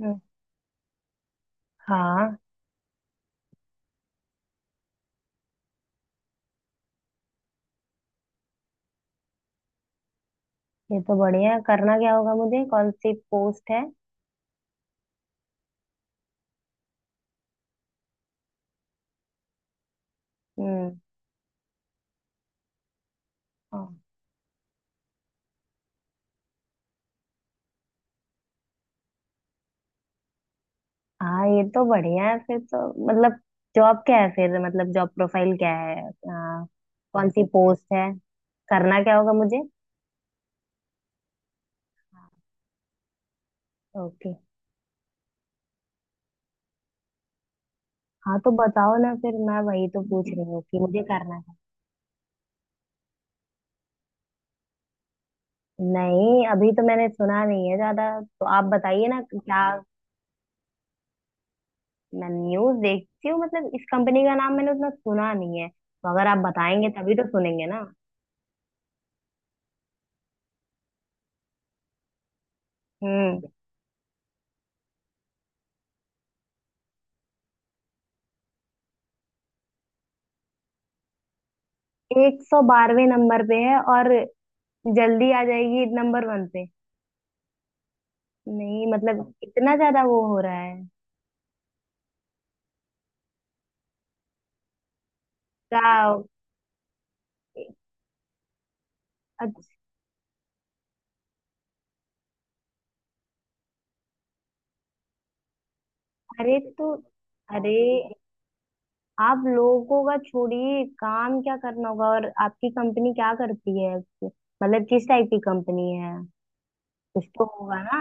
हम्म। हाँ। ये तो बढ़िया है। करना क्या होगा मुझे? कौन सी पोस्ट है? हम्म। हाँ। हाँ, ये तो बढ़िया है फिर तो। मतलब जॉब क्या है फिर? मतलब जॉब प्रोफाइल क्या है? हाँ, कौन सी पोस्ट है? करना क्या होगा मुझे? ओके। हाँ, तो बताओ ना फिर। मैं वही तो पूछ रही हूँ कि मुझे करना है। नहीं, अभी तो मैंने सुना नहीं है ज्यादा, तो आप बताइए ना कि क्या। मैं न्यूज देखती हूँ, मतलब इस कंपनी का नाम मैंने उतना सुना नहीं है, तो अगर आप बताएंगे तभी तो सुनेंगे ना। हम्म। 112वें नंबर पे है और जल्दी आ जाएगी नंबर वन पे? नहीं, मतलब इतना ज्यादा वो हो रहा है? क्या? अच्छा। अरे तो। अरे। आप लोगों का छोड़िए, काम क्या करना होगा और आपकी कंपनी क्या करती है? मतलब किस टाइप की कंपनी है? कुछ तो होगा ना।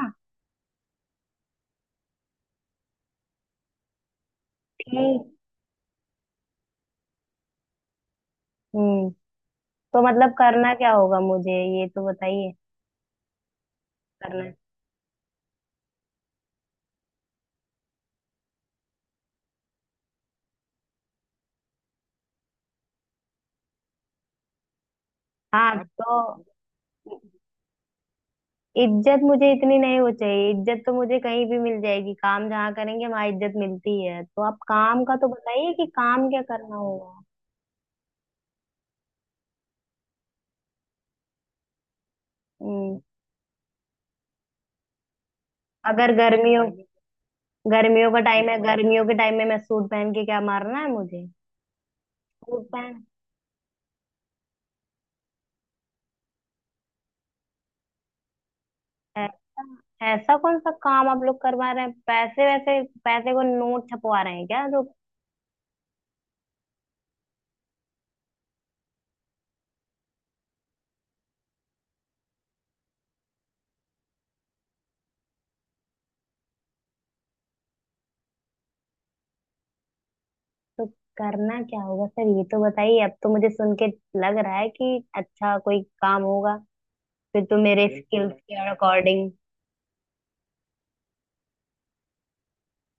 ठीक। हम्म। तो मतलब करना क्या होगा मुझे, ये तो बताइए। करना। हाँ तो। इज्जत मुझे इतनी नहीं हो चाहिए, इज्जत तो मुझे कहीं भी मिल जाएगी। काम जहाँ करेंगे वहां इज्जत मिलती है, तो आप काम का तो बताइए कि काम क्या करना होगा। हम्म। अगर गर्मियों गर्मियों का टाइम है, गर्मियों के टाइम में मैं सूट पहन के क्या मारना है मुझे? सूट पहन। ऐसा। ऐसा कौन सा काम आप लोग करवा रहे हैं? पैसे वैसे, पैसे को नोट छपवा रहे हैं क्या तो? तो करना क्या होगा सर, ये तो बताइए। अब तो मुझे सुन के लग रहा है कि अच्छा कोई काम होगा। फिर तो मेरे स्किल्स के अकॉर्डिंग।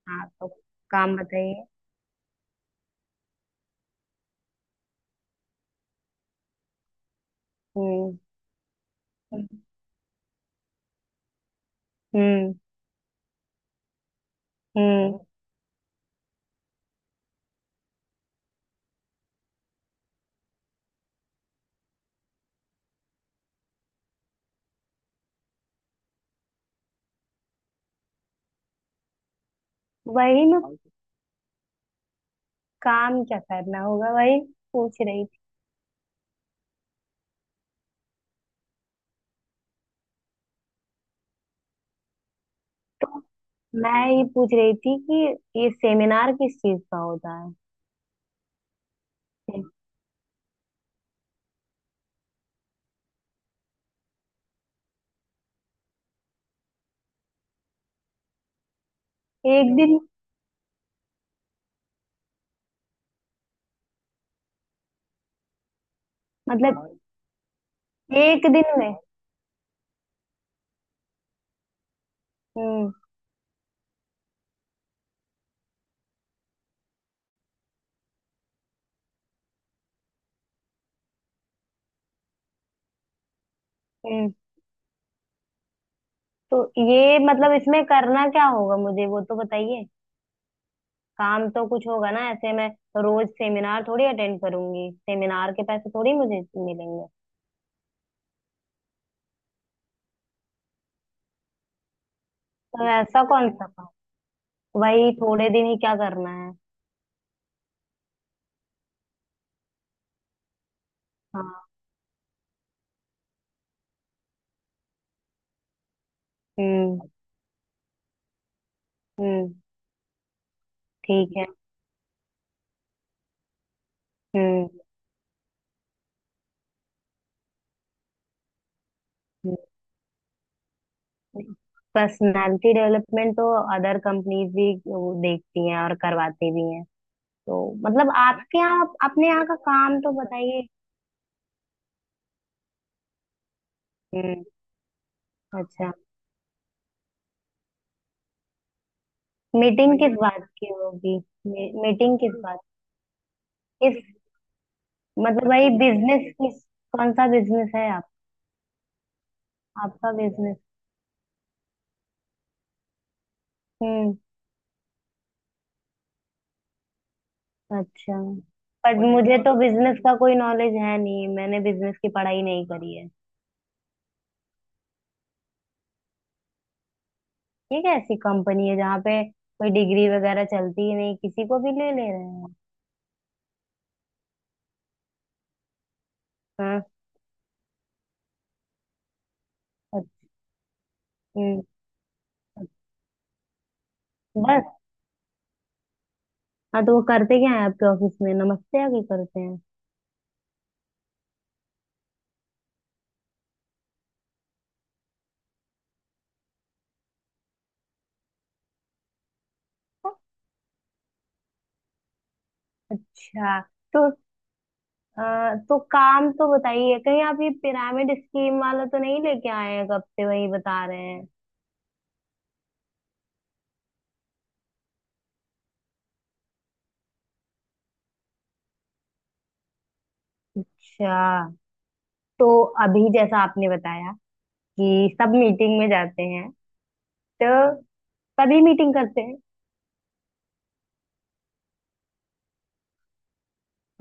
हाँ तो। काम बताइए। हम्म। हम्म। हम्म। वही ना, काम क्या करना होगा, वही पूछ रही थी। तो मैं ये पूछ रही थी कि ये सेमिनार किस चीज का होता है। एक दिन। मतलब एक दिन में? हम्म। हम्म। तो ये मतलब इसमें करना क्या होगा मुझे, वो तो बताइए। काम तो कुछ होगा ना, ऐसे मैं रोज सेमिनार थोड़ी अटेंड करूंगी, सेमिनार के पैसे थोड़ी मुझे मिलेंगे। तो ऐसा कौन सा काम? वही थोड़े दिन ही क्या करना है? हाँ। हम्म। हम्म। ठीक है। हम्म। पर्सनालिटी डेवलपमेंट तो अदर कंपनीज भी वो देखती हैं और करवाती भी हैं। तो मतलब आपके यहाँ, अपने यहाँ का काम तो बताइए। हम्म। अच्छा। मीटिंग किस बात की होगी? मीटिंग किस बात? किस? मतलब भाई बिजनेस किस, कौन सा बिजनेस है आप? आपका बिजनेस। हम्म। अच्छा। पर मुझे तो बिजनेस का कोई नॉलेज है नहीं, मैंने बिजनेस की पढ़ाई नहीं करी है। ये कैसी कंपनी है जहाँ पे कोई डिग्री वगैरह चलती ही नहीं, किसी को भी ले ले रहे हैं? हाँ। अच्छ- हम्म। बस। हाँ तो वो करते क्या है आपके ऑफिस में, नमस्ते आगे करते हैं? अच्छा। तो। तो काम तो बताइए, कहीं आप ये पिरामिड स्कीम वाला तो नहीं लेके आए हैं, कब से वही बता रहे हैं? अच्छा तो। अभी जैसा आपने बताया कि सब मीटिंग में जाते हैं। तो सभी मीटिंग करते हैं।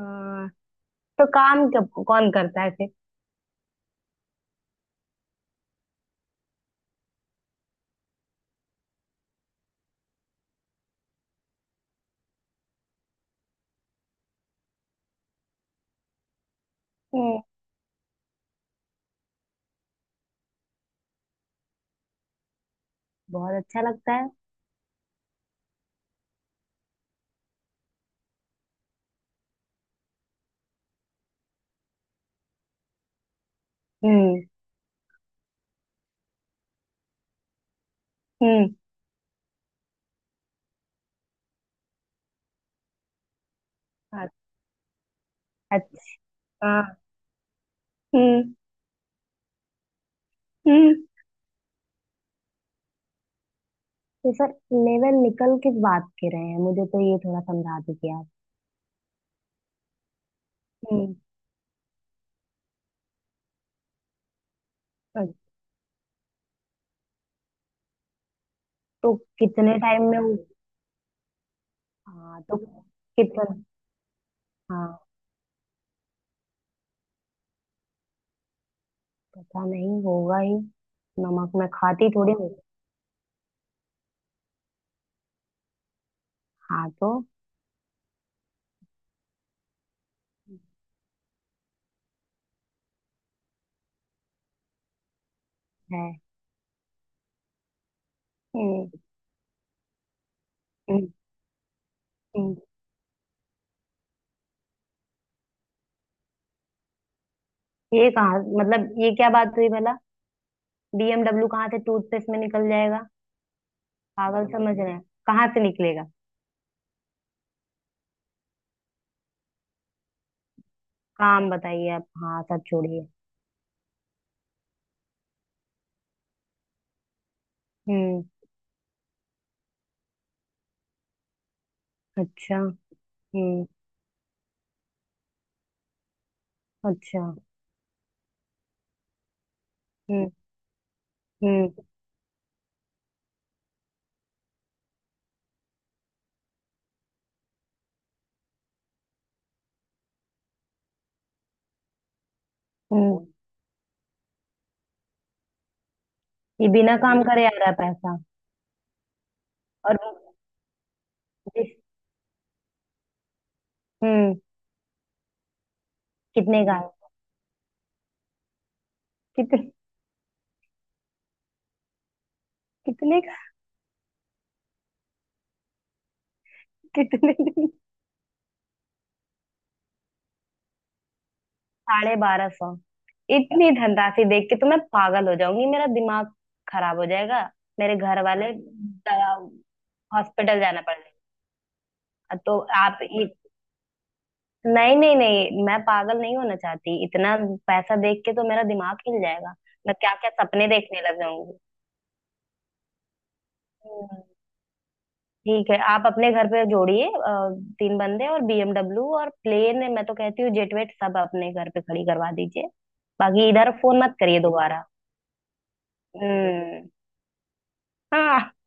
हाँ। तो काम कब कौन करता है फिर? हम्म। बहुत अच्छा लगता है। हम्म। हम्म। अच्छा। हाँ। हम्म। हम्म। तो सर, लेवल निकल किस बात के रहे हैं, मुझे तो ये थोड़ा समझा दीजिए आप। हम्म। अच्छा। तो कितने टाइम में वो? हाँ तो। कितना? हाँ। पता नहीं, होगा ही, नमक मैं खाती थोड़ी हूँ। हाँ तो। है। हम्म। हम्म। हम्म। ये कहाँ, मतलब ये क्या बात हुई भला? बीएमडब्ल्यू कहाँ से टूथपेस्ट में निकल जाएगा? पागल समझ रहे हैं? कहाँ से निकलेगा? काम बताइए आप, हाँ, सब छोड़िए। हम्म। अच्छा। हम्म। अच्छा। हम्म। हम्म। हम्म। ये बिना काम करे आ रहा है पैसा? और? जिस- हम्म। कितने का है? कितने? कितने का? कितने दिन? 1250? इतनी धनराशि देख के तो मैं पागल हो जाऊंगी, मेरा दिमाग खराब हो जाएगा। मेरे घर वाले, हॉस्पिटल जाना पड़ जाएगा। तो आप। नहीं, नहीं, नहीं, मैं पागल नहीं होना चाहती, इतना पैसा देख के तो मेरा दिमाग हिल जाएगा। मैं क्या क्या सपने देखने लग जाऊंगी। हम्म। ठीक है, आप अपने घर पे जोड़िए तीन बंदे और बीएमडब्ल्यू और प्लेन, मैं तो कहती हूँ जेट वेट सब अपने घर पे खड़ी करवा दीजिए। बाकी इधर फोन मत करिए दोबारा। हम्म। हाँ।